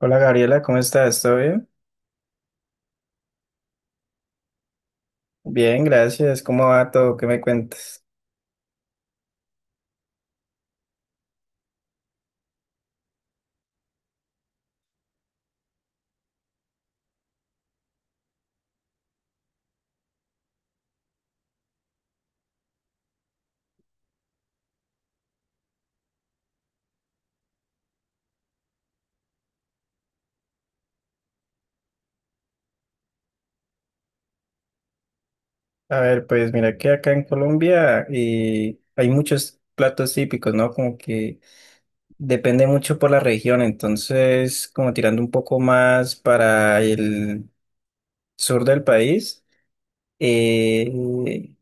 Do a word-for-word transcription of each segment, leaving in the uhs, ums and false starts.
Hola Gabriela, ¿cómo estás? ¿Todo bien? Bien, gracias. ¿Cómo va todo? ¿Qué me cuentas? A ver, pues mira que acá en Colombia eh, hay muchos platos típicos, ¿no? Como que depende mucho por la región, entonces como tirando un poco más para el sur del país eh,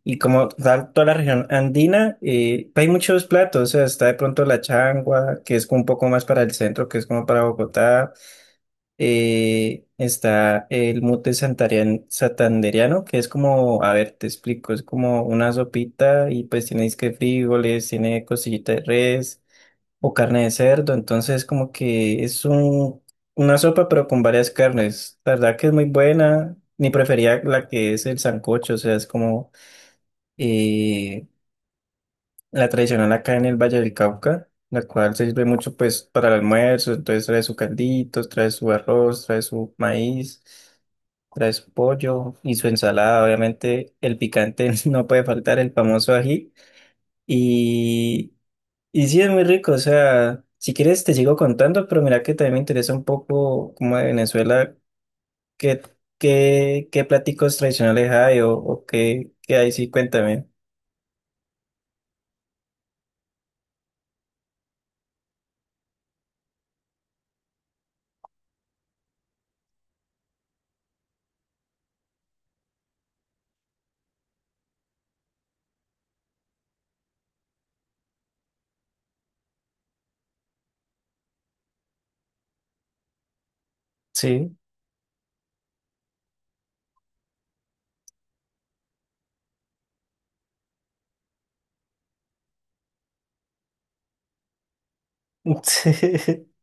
y como tal toda la región andina, eh, hay muchos platos, o sea, está de pronto la changua, que es como un poco más para el centro, que es como para Bogotá. Eh, está el mute santarian- santandereano, que es como, a ver, te explico, es como una sopita y pues tiene disque frijoles, tiene costillita de res o carne de cerdo, entonces como que es un, una sopa pero con varias carnes. La verdad que es muy buena, mi preferida la que es el sancocho, o sea, es como, eh, la tradicional acá en el Valle del Cauca, la cual se sirve mucho pues para el almuerzo, entonces trae su caldito, trae su arroz, trae su maíz, trae su pollo y su ensalada, obviamente el picante no puede faltar, el famoso ají, y, y sí es muy rico, o sea, si quieres te sigo contando, pero mira que también me interesa un poco como de Venezuela, qué, qué, qué platicos tradicionales hay o, o qué, qué hay, sí, cuéntame. Sí.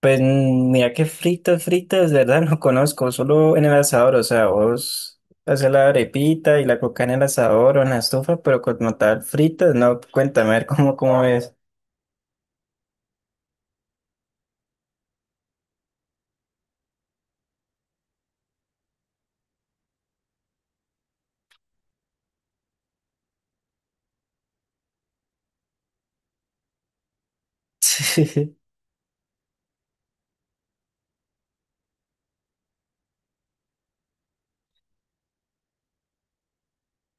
Pues mm, mira que fritas, fritas, de verdad no conozco, solo en el asador, o sea, vos haces la arepita y la coca en el asador o en la estufa, pero como tal, fritas, no, cuéntame a ver cómo, cómo es. Sí,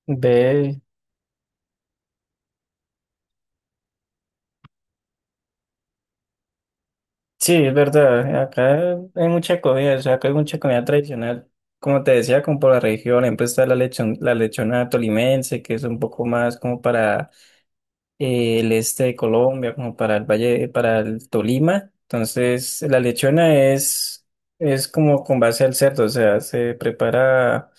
ve, sí, es verdad, acá hay mucha comida, o sea, acá hay mucha comida tradicional, como te decía, como por la región, siempre está la lechon, la lechona tolimense, que es un poco más como para el este de Colombia, como para el Valle, para el Tolima. Entonces, la lechona es, es como con base al cerdo, o sea, se prepara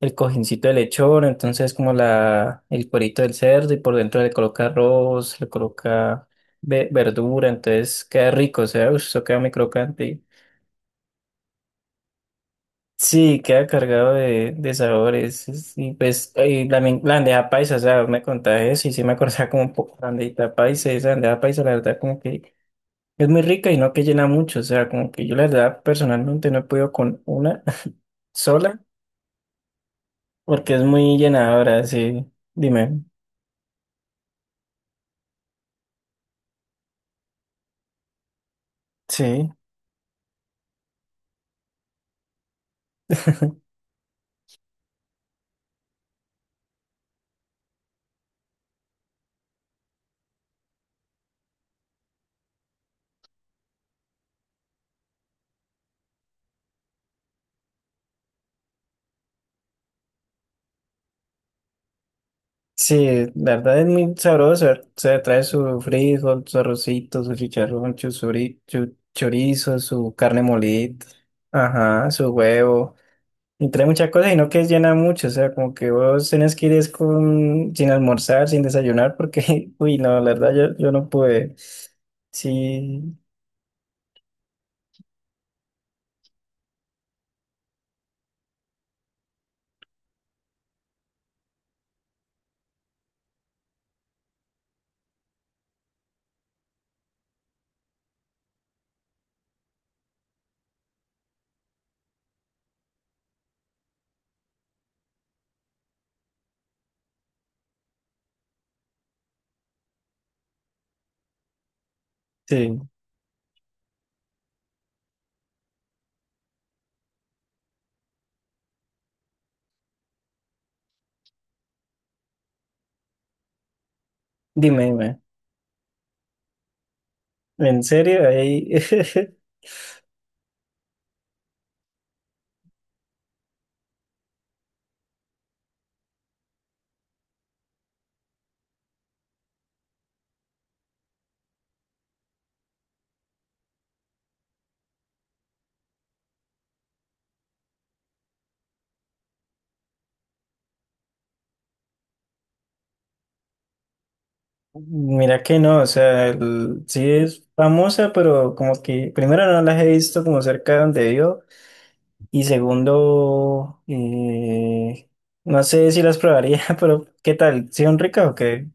el cojincito de lechón, entonces como la, el cuerito del cerdo y por dentro le coloca arroz, le coloca ve- verdura, entonces queda rico, o sea, uff, eso queda muy crocante. Sí, queda cargado de, de sabores. es- Y pues y la, men- la bandeja paisa, o sea, vos me contaba eso y sí me acordaba como un poco la bandejita paisa. Esa bandeja paisa, la verdad, como que es muy rica y no que llena mucho. O sea, como que yo la verdad personalmente no he podido con una sola porque es muy llenadora. Sí, dime. Sí. Sí, la verdad es muy sabroso. O sea, trae su frijol, su arrocito, su chicharrón, su chorizo, su carne molida, ajá, su huevo. Y trae muchas cosas, sino que llena mucho, o sea, como que vos tenés que ir es con, sin almorzar, sin desayunar, porque, uy, no, la verdad, yo, yo no pude. Sí, sí, dime, dime. ¿En serio? Ahí, mira que no, o sea, el- sí es famosa, pero como que, primero no las he visto como cerca de donde vivo, y segundo, eh, no sé si las probaría, pero ¿qué tal? ¿Sí son ricas o qué?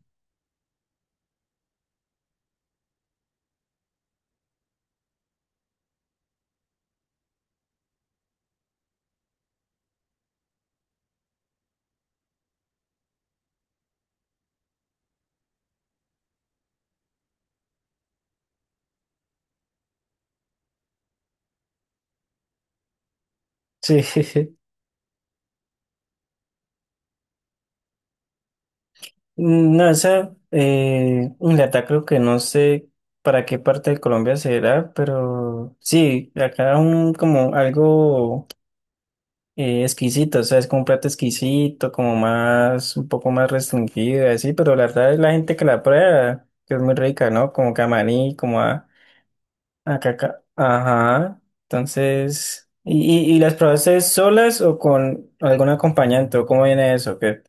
Sí. Mm, no, esa, eh, Inglaterra creo que no sé para qué parte de Colombia será, pero sí, acá un como algo eh, exquisito, o sea, es como un plato exquisito, como más, un poco más restringido, y así, pero la verdad es la gente que la prueba, que es muy rica, ¿no? Como camarí, como a, a caca, ajá, entonces... ¿Y, y, y las probaste solas o con algún acompañante? ¿O ¿cómo viene eso? ¿Qué?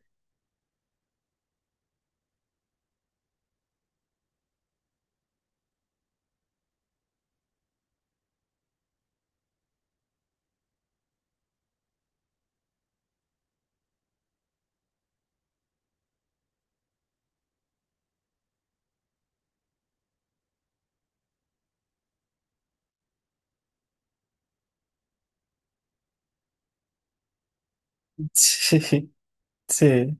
Sí, sí.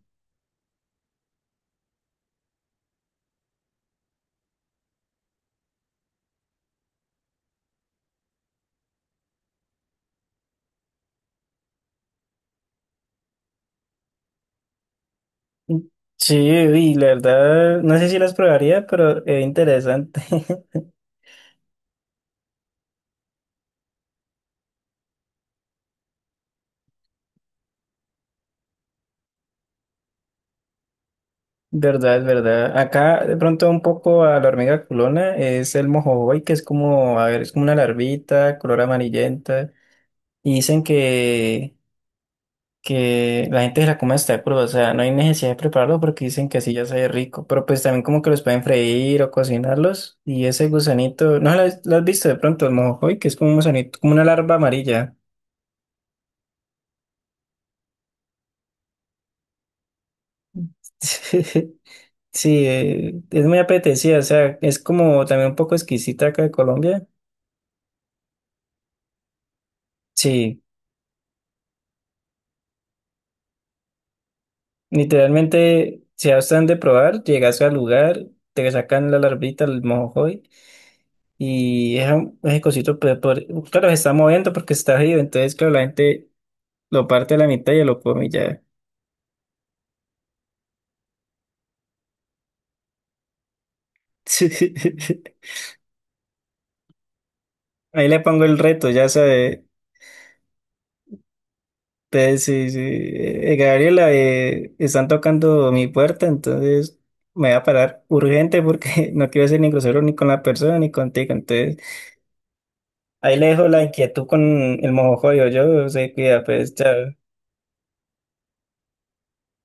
Sí, y la verdad, no sé si las probaría, pero es interesante. Verdad, es verdad. Acá de pronto un poco a la hormiga culona es el mojojoy, que es como, a ver, es como una larvita, color amarillenta. Y dicen que, que la gente se la come hasta cruda, o sea, no hay necesidad de prepararlo porque dicen que así ya sabe rico. Pero pues también como que los pueden freír o cocinarlos. Y ese gusanito, ¿no lo has, lo has visto de pronto, el mojojoy, que es como un gusanito, como una larva amarilla? Sí, eh, es muy apetecida, o sea, es como también un poco exquisita acá de Colombia. Sí, literalmente, si ya están de probar, llegas al lugar, te sacan la larvita, el mojojoy, y es un ese cosito, pero, por- claro, se está moviendo porque está vivo, entonces, claro, la gente lo parte a la mitad y ya lo come y ya. Ahí le pongo el reto, ya sabe. Entonces, sí, sí, eh, Gabriela, eh, están tocando mi puerta, entonces me voy a parar urgente porque no quiero ser ni grosero ni con la persona ni contigo. Entonces, ahí le dejo la inquietud con el mojojoyo. Yo se cuida, pues, chao.